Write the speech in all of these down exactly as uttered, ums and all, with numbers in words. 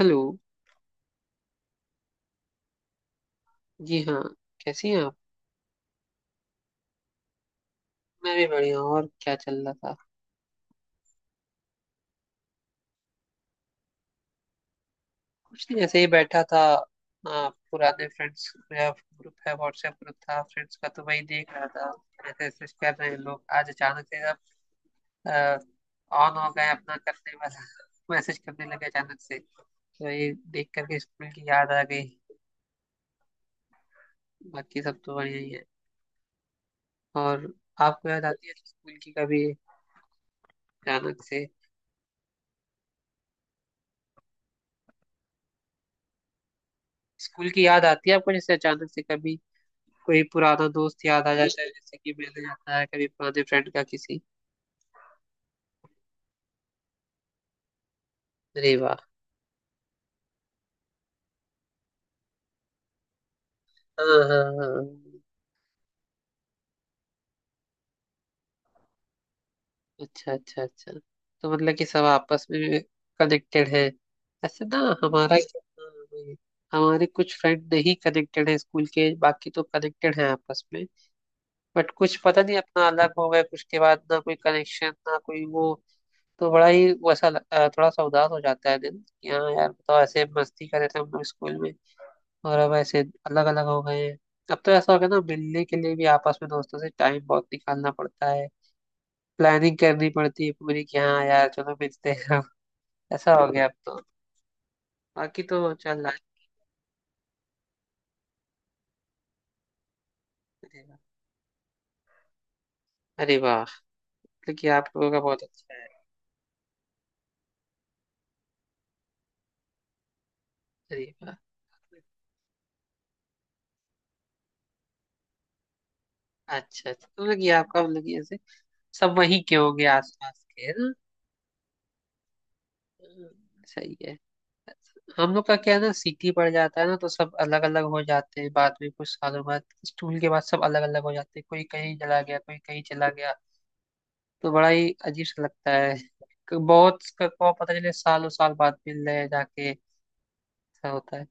Hello. Ji हाँ। कैसी हैं आप? मैं भी बढ़िया हूँ। और क्या चल रहा था? कुछ नहीं, ऐसे ही बैठा था। आ, पुराने फ्रेंड्स मेरा ग्रुप है, व्हाट्सएप ग्रुप था फ्रेंड्स का, तो वही देख रहा था। ऐसे मैसेज कर रहे हैं लोग आज अचानक से, सब ऑन हो गए अपना करने वाला मैसेज करने लगे अचानक से। तो ये देख करके स्कूल की याद आ गई। बाकी सब तो बढ़िया ही है। और आपको याद आती है स्कूल की कभी अचानक से? स्कूल की याद आती है आपको जैसे अचानक से कभी? कोई पुराना दोस्त याद आ जाता है, जैसे कि मैंने आता है कभी पुराने फ्रेंड का किसी। अरे वाह। हाँ हाँ हाँ। अच्छा अच्छा अच्छा। तो मतलब कि सब आपस में कनेक्टेड है ऐसे, ना? हमारा हाँ, हमारे कुछ फ्रेंड नहीं कनेक्टेड है स्कूल के, बाकी तो कनेक्टेड है आपस में। बट कुछ पता नहीं अपना अलग हो गए कुछ के बाद, ना कोई कनेक्शन ना कोई वो। तो बड़ा ही वैसा लग- अ, थोड़ा सा उदास हो जाता है दिन कि हाँ यार, बताओ ऐसे मस्ती कर रहे थे हम लोग स्कूल में, और अब ऐसे अलग अलग हो गए हैं। अब तो ऐसा हो गया ना, मिलने के लिए भी आपस में दोस्तों से टाइम बहुत निकालना पड़ता है। प्लानिंग करनी पड़ती है पूरी कि हाँ यार चलो मिलते हैं अब। ऐसा हो गया अब तो। बाकी तो चल रहा है। अरे वाह। अरे वाह। मतलब कि आप लोगों का बहुत अच्छा है। अरे वाह। अच्छा अच्छा, तो मतलब कि आपका मतलब कि ऐसे सब वहीं के होंगे आसपास के, है ना? हम्म, सही है। हम लोग का क्या है ना, सिटी पड़ जाता है ना, तो सब अलग अलग हो जाते हैं बाद में, कुछ सालों बाद स्कूल के बाद सब अलग अलग हो जाते हैं, कोई कहीं चला गया कोई कहीं चला गया। तो बड़ा ही अजीब सा लगता है। क- बहुत स- को पता चले सालों साल बाद मिल रहे हैं जाके। ऐसा होता है।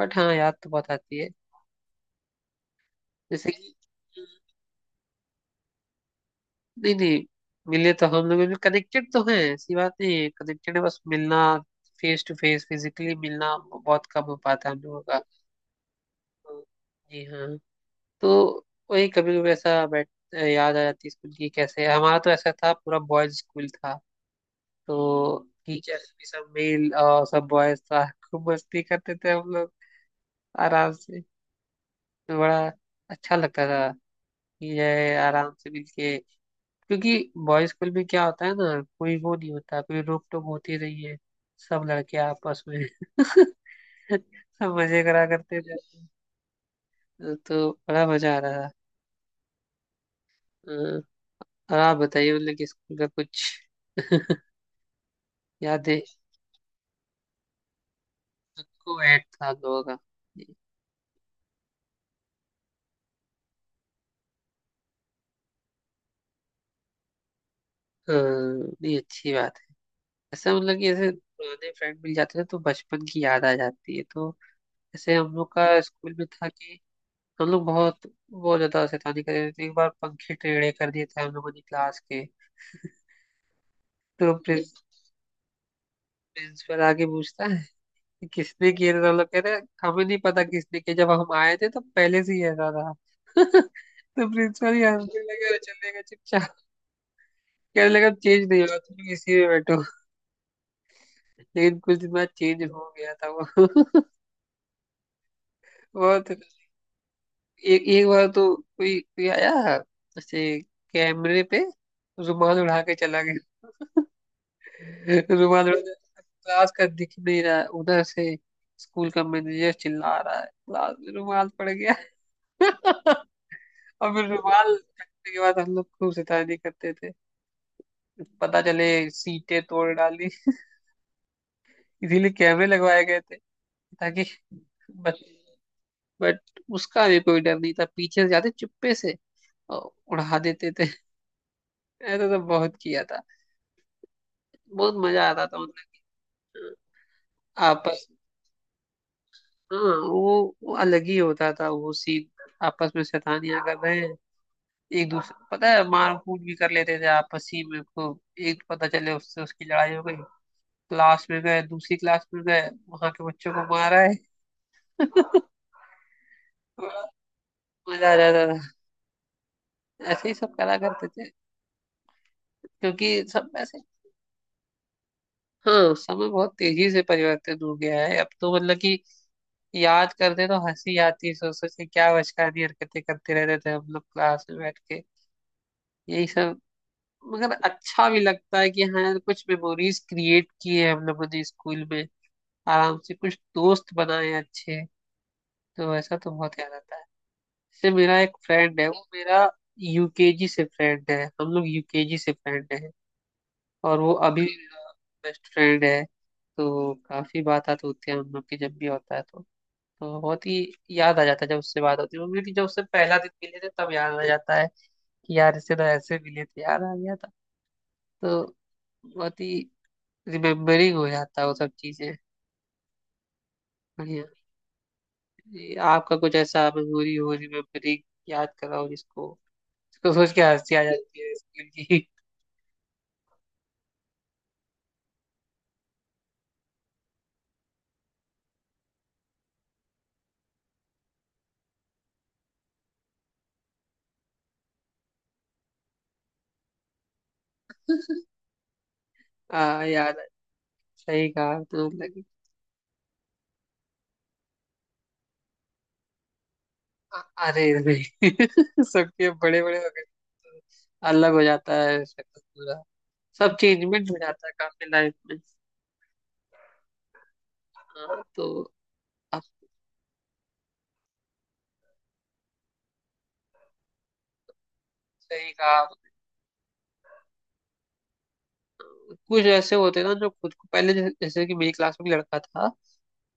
बट हाँ, याद तो बहुत आती है। जैसे कि नहीं नहीं, मिले तो हम लोग, कनेक्टेड तो हैं, ऐसी बात नहीं है, कनेक्टेड है, बस मिलना फेस टू फेस फिजिकली मिलना बहुत कम हो पाता है हम लोगों का। जी हाँ। तो वही कभी कभी ऐसा बैठ याद आ जाती है स्कूल की। कैसे हमारा तो ऐसा था, पूरा बॉयज स्कूल था। तो टीचर्स भी सब मेल और सब बॉयज था, खूब मस्ती करते थे हम लोग आराम से। तो बड़ा अच्छा लगता था कि ये आराम से मिलके, क्योंकि बॉयज स्कूल में क्या होता है ना, कोई वो नहीं होता, कोई रोक टोक होती नहीं है। सब लड़के आपस में सब मजे करा करते थे। तो बड़ा मजा आ रहा था। अ, और आप बताइए मतलब कि स्कूल का कुछ याद है? सबको ऐड था दोनों का। अ, ये अच्छी बात है। ऐसा मतलब कि ऐसे पुराने फ्रेंड मिल जाते हैं तो बचपन की याद आ जाती है तो। ऐसे हम लोग का स्कूल में था कि हम लोग बहुत बहुत ज्यादा शैतानी कर रहे थे। एक बार पंखे टेढ़े कर दिए थे हम लोगों ने क्लास के। तो प्रिंस प्रिंसिपल आके पूछता है कि किसने किए थे, तो हम लोग कह रहे हैं, हमें नहीं पता किसने किए, जब हम आए थे तो पहले से ही ऐसा था। तो प्रिंसिपल ही हंसने लगे और चले गए चुपचाप। कहने लगा चेंज नहीं होगा, तुम इसी में बैठो। लेकिन कुछ दिन बाद चेंज हो गया था वो। बहुत एक एक बार तो कोई कोई आया ऐसे कैमरे पे रुमाल उड़ा के चला गया। रुमाल उड़ा के, क्लास का दिख नहीं रहा है उधर से, स्कूल का मैनेजर चिल्ला रहा है क्लास में रुमाल पड़ गया। और फिर रुमाल कटने के बाद हम लोग खूब शैतानी करते थे। पता चले सीटें तोड़ डाली। इसीलिए कैमरे लगवाए गए थे ताकि। बट बट उसका भी कोई डर नहीं था, पीछे से जाते चुप्पे से अ, उड़ा देते थे। ऐसा तो बहुत किया था। बहुत मजा आता था मतलब। हाँ, आपस। हाँ, वो, वो अलग ही होता था वो सीन। आपस में शैतानियां कर रहे हैं, एक दूसरे पता है मार कूट भी कर लेते थे आपस ही में खूब। एक पता चले उससे उसकी लड़ाई हो गई, क्लास में गए दूसरी क्लास में गए वहां के बच्चों को मारा है। बड़ा मजा आ जाता था, ऐसे ही सब करा करते थे, क्योंकि सब ऐसे। हाँ समय बहुत तेजी से परिवर्तित हो गया है अब तो, मतलब कि याद करते तो हंसी आती सोच सोच के क्या बचकानी हरकतें करते रहते थे हम लोग क्लास में बैठ के, यही सब। मगर अच्छा भी लगता है कि हाँ कुछ मेमोरीज क्रिएट किए हम लोगों ने स्कूल में, आराम से कुछ दोस्त बनाए अच्छे। तो ऐसा तो बहुत याद आता है। जैसे मेरा एक फ्रेंड है वो मेरा यू के जी से फ्रेंड है, हम लोग यू के जी से फ्रेंड है। और वो अभी बेस्ट फ्रेंड है। तो काफी बात आती होती है हम लोग की जब भी होता है तो। तो बहुत ही याद आ जाता है जब उससे बात होती है। वो भी जब उससे पहला दिन मिले थे तब याद आ जाता है कि यार इससे तो ऐसे मिले थे, याद आ गया था तो। बहुत ही रिमेम्बरिंग हो जाता है वो सब चीजें। बढ़िया। ये आपका कुछ ऐसा मेमोरी हो रिमेम्बरिंग, याद कराओ जिसको, जिसको सोच के हंसी आ जाती है स्कूल की। हाँ यार, सही कहा तो लगी। अरे नहीं। सबके बड़े बड़े हो गए तो अलग हो जाता है शक्ल पूरा। सब चेंजमेंट हो जाता है काफी लाइफ में। हाँ, तो आप सही कहा आपने। कुछ ऐसे होते हैं ना जो खुद को पहले जैसे, जैसे कि मेरी क्लास में एक लड़का था,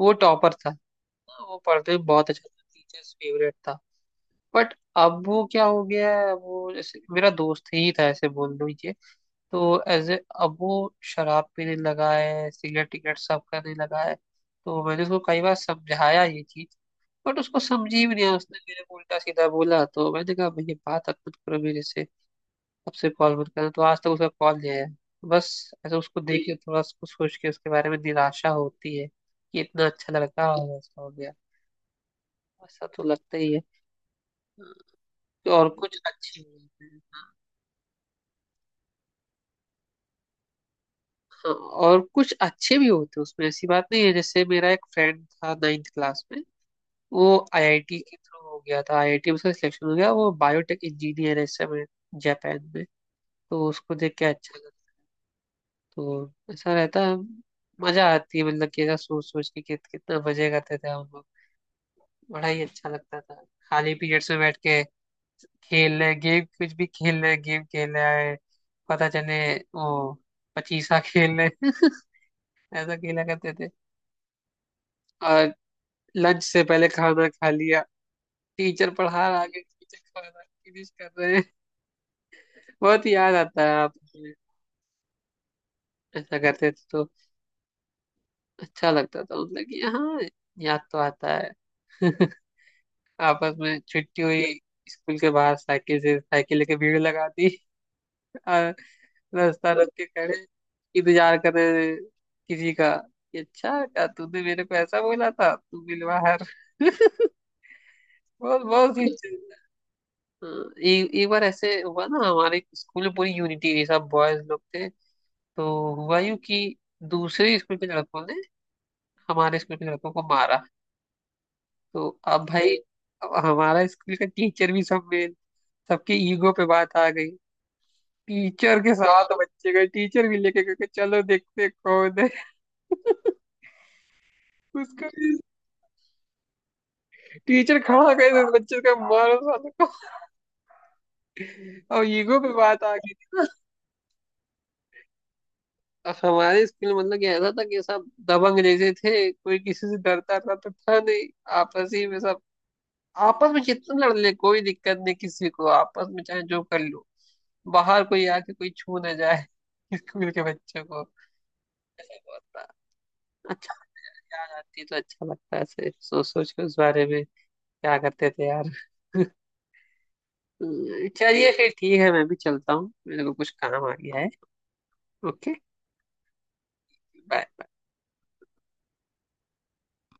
वो टॉपर था। हाँ, वो पढ़ते में बहुत अच्छा था, टीचर्स फेवरेट था। बट अब वो क्या हो गया है, अब वो जैसे मेरा दोस्त ही था ऐसे बोल लो ये। तो एज ए अब वो शराब पीने लगा है, सिगरेट टिगरेट सब करने लगा है। तो मैंने उसको कई बार समझाया ये चीज। बट उसको समझी भी नहीं, उसने मेरे को उल्टा सीधा बोला। तो मैंने कहा भैया बात मत करो मेरे से, अब से कॉल मत करना। तो आज तक उसका कॉल नहीं आया बस। ऐसे उसको देख के थोड़ा उसको सोच के उसके बारे में निराशा होती है कि इतना अच्छा लड़का और ऐसा हो गया। ऐसा तो लगता ही है। और कुछ अच्छे भी होते हैं। हाँ, और कुछ अच्छे भी होते हैं, उसमें ऐसी बात नहीं है। जैसे मेरा एक फ्रेंड था नाइन्थ क्लास में, वो आई आई टी के थ्रू हो गया था, आई आई टी में उसका सिलेक्शन हो गया। वो बायोटेक इंजीनियर है इस समय जापान में। तो उसको देख के अच्छा लगा। तो ऐसा रहता है। मजा आती है मतलब कि ऐसा सोच सोच के कित, कितना मजे करते थे हम लोग। बड़ा ही अच्छा लगता था खाली पीरियड्स में बैठ के खेल रहे गेम, कुछ भी खेल रहे, गेम खेल रहे हैं, पता चले वो पचीसा खेल रहे। ऐसा खेला करते थे। और लंच से पहले खाना खा लिया, टीचर पढ़ा रहा आगे, टीचर खाना फिनिश कर रहे हैं। बहुत याद आता है आप ऐसा करते थे तो। अच्छा लगता था मतलब कि हाँ, याद तो आता है। आपस में छुट्टी हुई, स्कूल के बाहर साइकिल से, साइकिल लेके भीड़ लगा दी। और रास्ता रोक के खड़े, इंतजार कर रहे किसी का कि अच्छा क्या तूने मेरे को ऐसा बोला था, तू मिल बाहर। बहुत बहुत सी चीज़ है। हाँ, एक एक बार ऐसे हुआ ना, हमारे स्कूल में पूरी यूनिटी थी, सब बॉयज लोग थे। तो हुआ यूं कि दूसरे स्कूल के लड़कों ने हमारे स्कूल के लड़कों को मारा। तो अब भाई, अब हमारा स्कूल का टीचर भी सब में, सबके ईगो पे बात आ गई। टीचर के साथ बच्चे गए, टीचर भी लेके गए कि चलो देखते कौन है उसको भी। टीचर खड़ा कर दे बच्चे का, मारो साले को। और ईगो पे बात आ गई थी ना। हमारे स्कूल में मतलब कि ऐसा था कि सब दबंग जैसे थे, कोई किसी से डरता डरता था नहीं। आपस ही में सब, आपस में जितना लड़ ले कोई दिक्कत नहीं किसी को, आपस में चाहे जो कर लो, बाहर कोई आके कोई छू ना जाए स्कूल के बच्चों को। ऐसा बहुत था। अच्छा, याद आती है तो अच्छा लगता है ऐसे सोच सोच के उस बारे में, क्या करते थे यार। चलिए फिर ठीक है, मैं भी चलता हूँ, मेरे को कुछ काम आ गया है। Okay bye.